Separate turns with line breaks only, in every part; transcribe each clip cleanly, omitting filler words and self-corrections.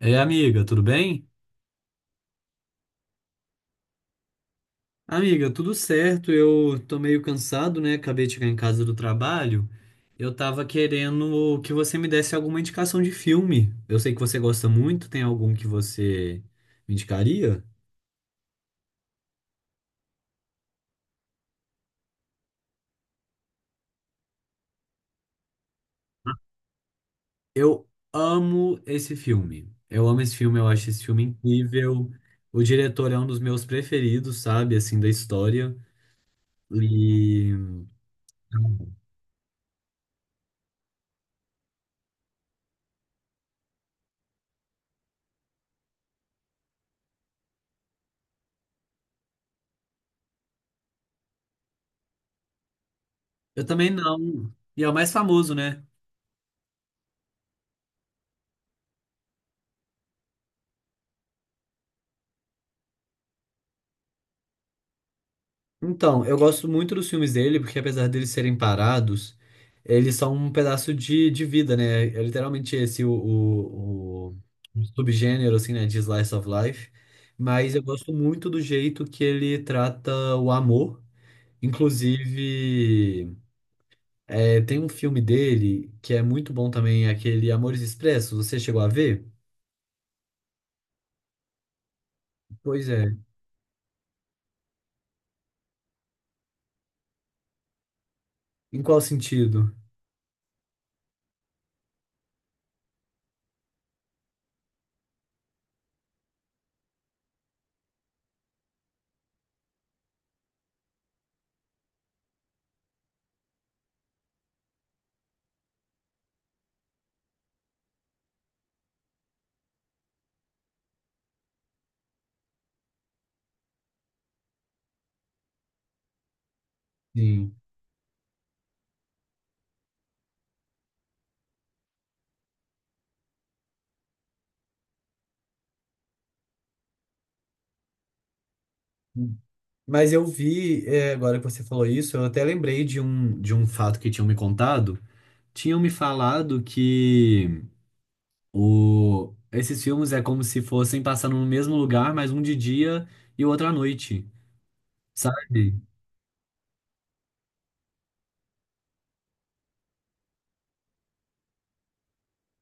É, amiga, tudo bem? Amiga, tudo certo. Eu tô meio cansado, né? Acabei de chegar em casa do trabalho. Eu tava querendo que você me desse alguma indicação de filme. Eu sei que você gosta muito. Tem algum que você me indicaria? Eu amo esse filme. Eu amo esse filme, eu acho esse filme incrível. O diretor é um dos meus preferidos, sabe? Assim, da história. E eu também não. E é o mais famoso, né? Então, eu gosto muito dos filmes dele, porque apesar deles serem parados, eles são um pedaço de vida, né? É literalmente esse o subgênero, assim, né, de slice of life. Mas eu gosto muito do jeito que ele trata o amor. Inclusive, é, tem um filme dele que é muito bom também, é aquele Amores Expressos. Você chegou a ver? Pois é. Em qual sentido? Sim. Mas eu vi, é, agora que você falou isso, eu até lembrei de um, fato que tinham me contado. Tinham me falado que o, esses filmes é como se fossem passando no mesmo lugar, mas um de dia e o outro à noite, sabe?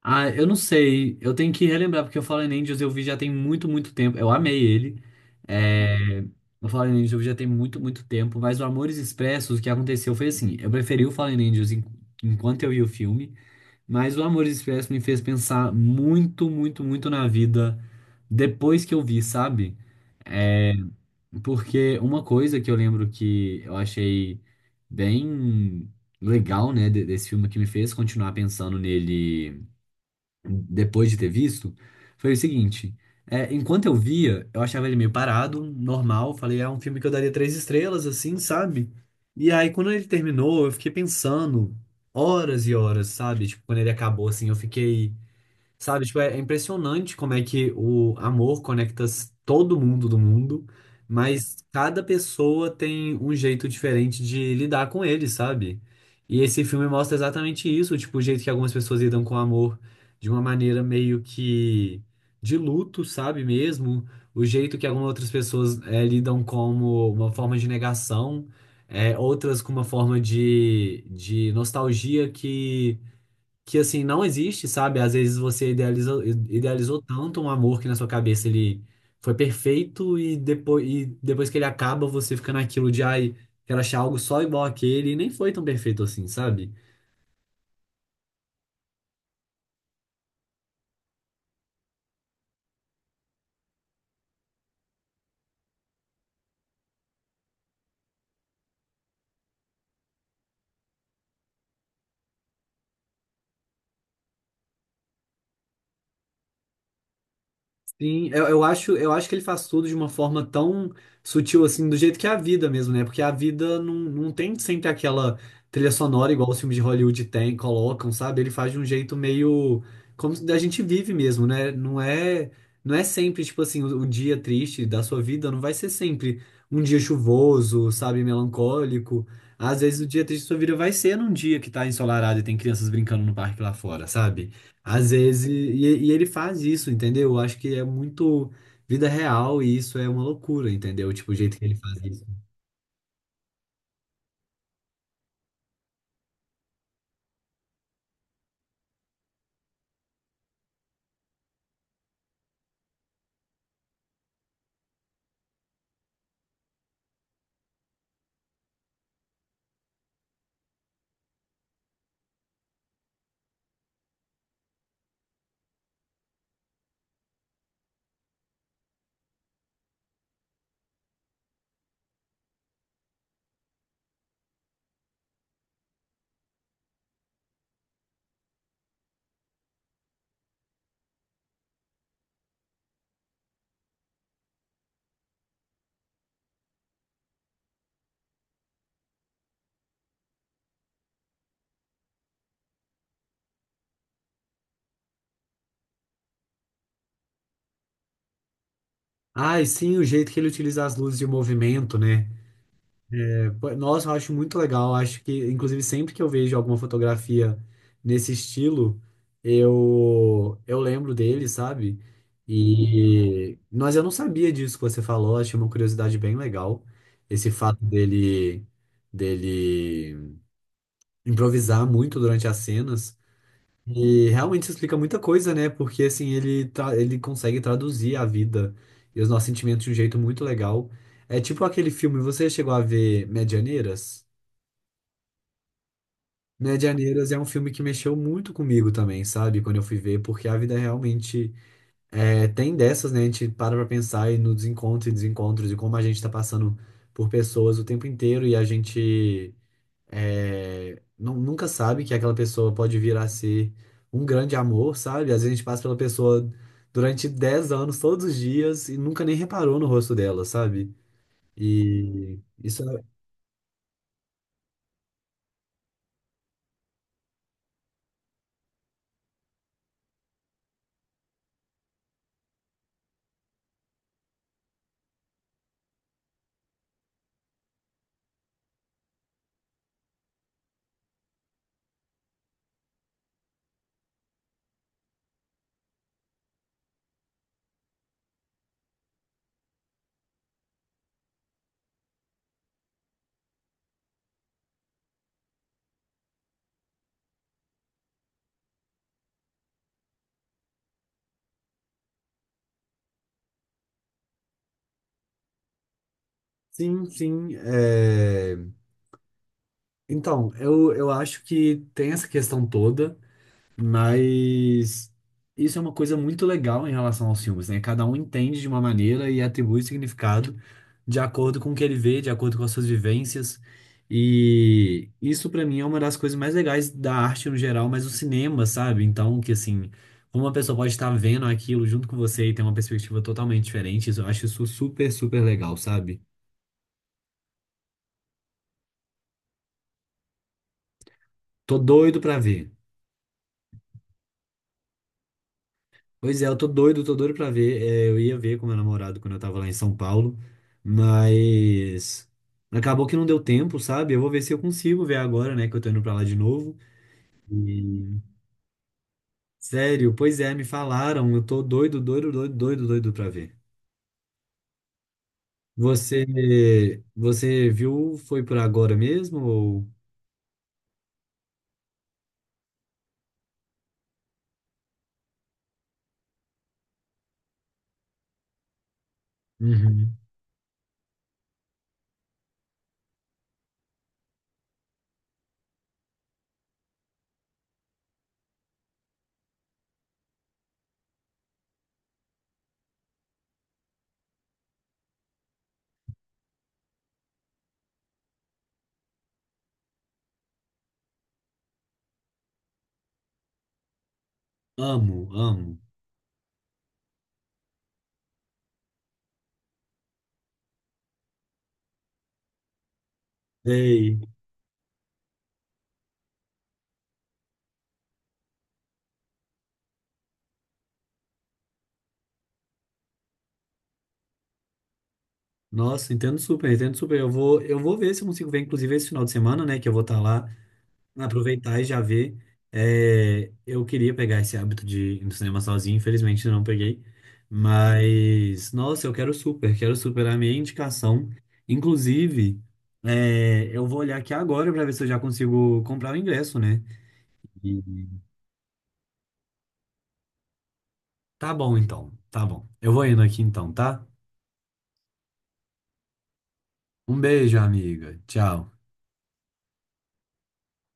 Ah, eu não sei, eu tenho que relembrar, porque o Fallen Angels eu vi já tem muito, muito tempo. Eu amei ele. É, o Fallen Angels eu vi já tem muito, muito tempo, mas o Amores Expressos, o que aconteceu foi assim: eu preferi o Fallen Angels enquanto eu vi o filme. Mas o Amores Expressos me fez pensar muito, muito, muito na vida depois que eu vi, sabe? É, porque uma coisa que eu lembro que eu achei bem legal, né, desse filme que me fez continuar pensando nele depois de ter visto, foi o seguinte. É, enquanto eu via, eu achava ele meio parado, normal. Falei, é um filme que eu daria três estrelas, assim, sabe? E aí, quando ele terminou, eu fiquei pensando horas e horas, sabe? Tipo, quando ele acabou, assim, eu fiquei. Sabe, tipo, é impressionante como é que o amor conecta todo mundo do mundo, mas cada pessoa tem um jeito diferente de lidar com ele, sabe? E esse filme mostra exatamente isso, tipo, o jeito que algumas pessoas lidam com o amor de uma maneira meio que de luto, sabe mesmo? O jeito que algumas outras pessoas eh, lidam como uma forma de negação, eh, outras com uma forma de nostalgia que assim não existe, sabe? Às vezes você idealizou, idealizou tanto um amor que na sua cabeça ele foi perfeito e depois que ele acaba, você fica naquilo de ai, quero achar algo só igual àquele e nem foi tão perfeito assim, sabe? Sim, eu acho que ele faz tudo de uma forma tão sutil assim, do jeito que é a vida mesmo, né? Porque a vida não tem sempre aquela trilha sonora igual os filmes de Hollywood tem, colocam, sabe? Ele faz de um jeito meio como a gente vive mesmo, né? Não é sempre, tipo assim, o dia triste da sua vida não vai ser sempre um dia chuvoso, sabe, melancólico. Às vezes o dia triste da sua vida vai ser num dia que tá ensolarado e tem crianças brincando no parque lá fora, sabe? Às vezes, e ele faz isso, entendeu? Eu acho que é muito vida real e isso é uma loucura, entendeu? Tipo, o jeito que ele faz isso. Ah, e sim, o jeito que ele utiliza as luzes de movimento, né? É, pô, nossa, eu acho muito legal. Eu acho que, inclusive, sempre que eu vejo alguma fotografia nesse estilo, eu lembro dele, sabe? E, mas eu não sabia disso que você falou, achei uma curiosidade bem legal. Esse fato dele, dele improvisar muito durante as cenas. E realmente isso explica muita coisa, né? Porque assim, ele consegue traduzir a vida e os nossos sentimentos de um jeito muito legal. É tipo aquele filme, você chegou a ver Medianeiras? Medianeiras é um filme que mexeu muito comigo também, sabe? Quando eu fui ver, porque a vida realmente é, tem dessas, né? A gente para pra pensar e nos encontros e desencontros e como a gente tá passando por pessoas o tempo inteiro e a gente nunca sabe que aquela pessoa pode vir a ser um grande amor, sabe? Às vezes a gente passa pela pessoa durante 10 anos, todos os dias, e nunca nem reparou no rosto dela, sabe? E isso é. Sim, sim. É, então, eu acho que tem essa questão toda. Mas isso é uma coisa muito legal em relação aos filmes, né? Cada um entende de uma maneira e atribui significado de acordo com o que ele vê, de acordo com as suas vivências. E isso pra mim é uma das coisas mais legais da arte no geral, mas o cinema, sabe? Então, que assim, como uma pessoa pode estar vendo aquilo junto com você e ter uma perspectiva totalmente diferente, isso- eu acho isso super, super legal, sabe? Tô doido pra ver. Pois é, eu tô doido pra ver. É, eu ia ver com meu namorado quando eu tava lá em São Paulo, mas acabou que não deu tempo, sabe? Eu vou ver se eu consigo ver agora, né, que eu tô indo pra lá de novo. E, sério, pois é, me falaram, eu tô doido, doido, doido, doido, doido pra ver. Você, você viu, foi por agora mesmo ou... Uhum. Amo, amo. Ei, nossa, entendo super, entendo super. Eu vou ver se eu consigo ver, inclusive, esse final de semana, né, que eu vou estar lá. Aproveitar e já ver. É, eu queria pegar esse hábito de ir no cinema sozinho, infelizmente eu não peguei. Mas, nossa, eu quero super a minha indicação. Inclusive, é, eu vou olhar aqui agora para ver se eu já consigo comprar o ingresso, né? E- Tá bom, então, tá bom. Eu vou indo aqui então, tá? Um beijo, amiga. Tchau.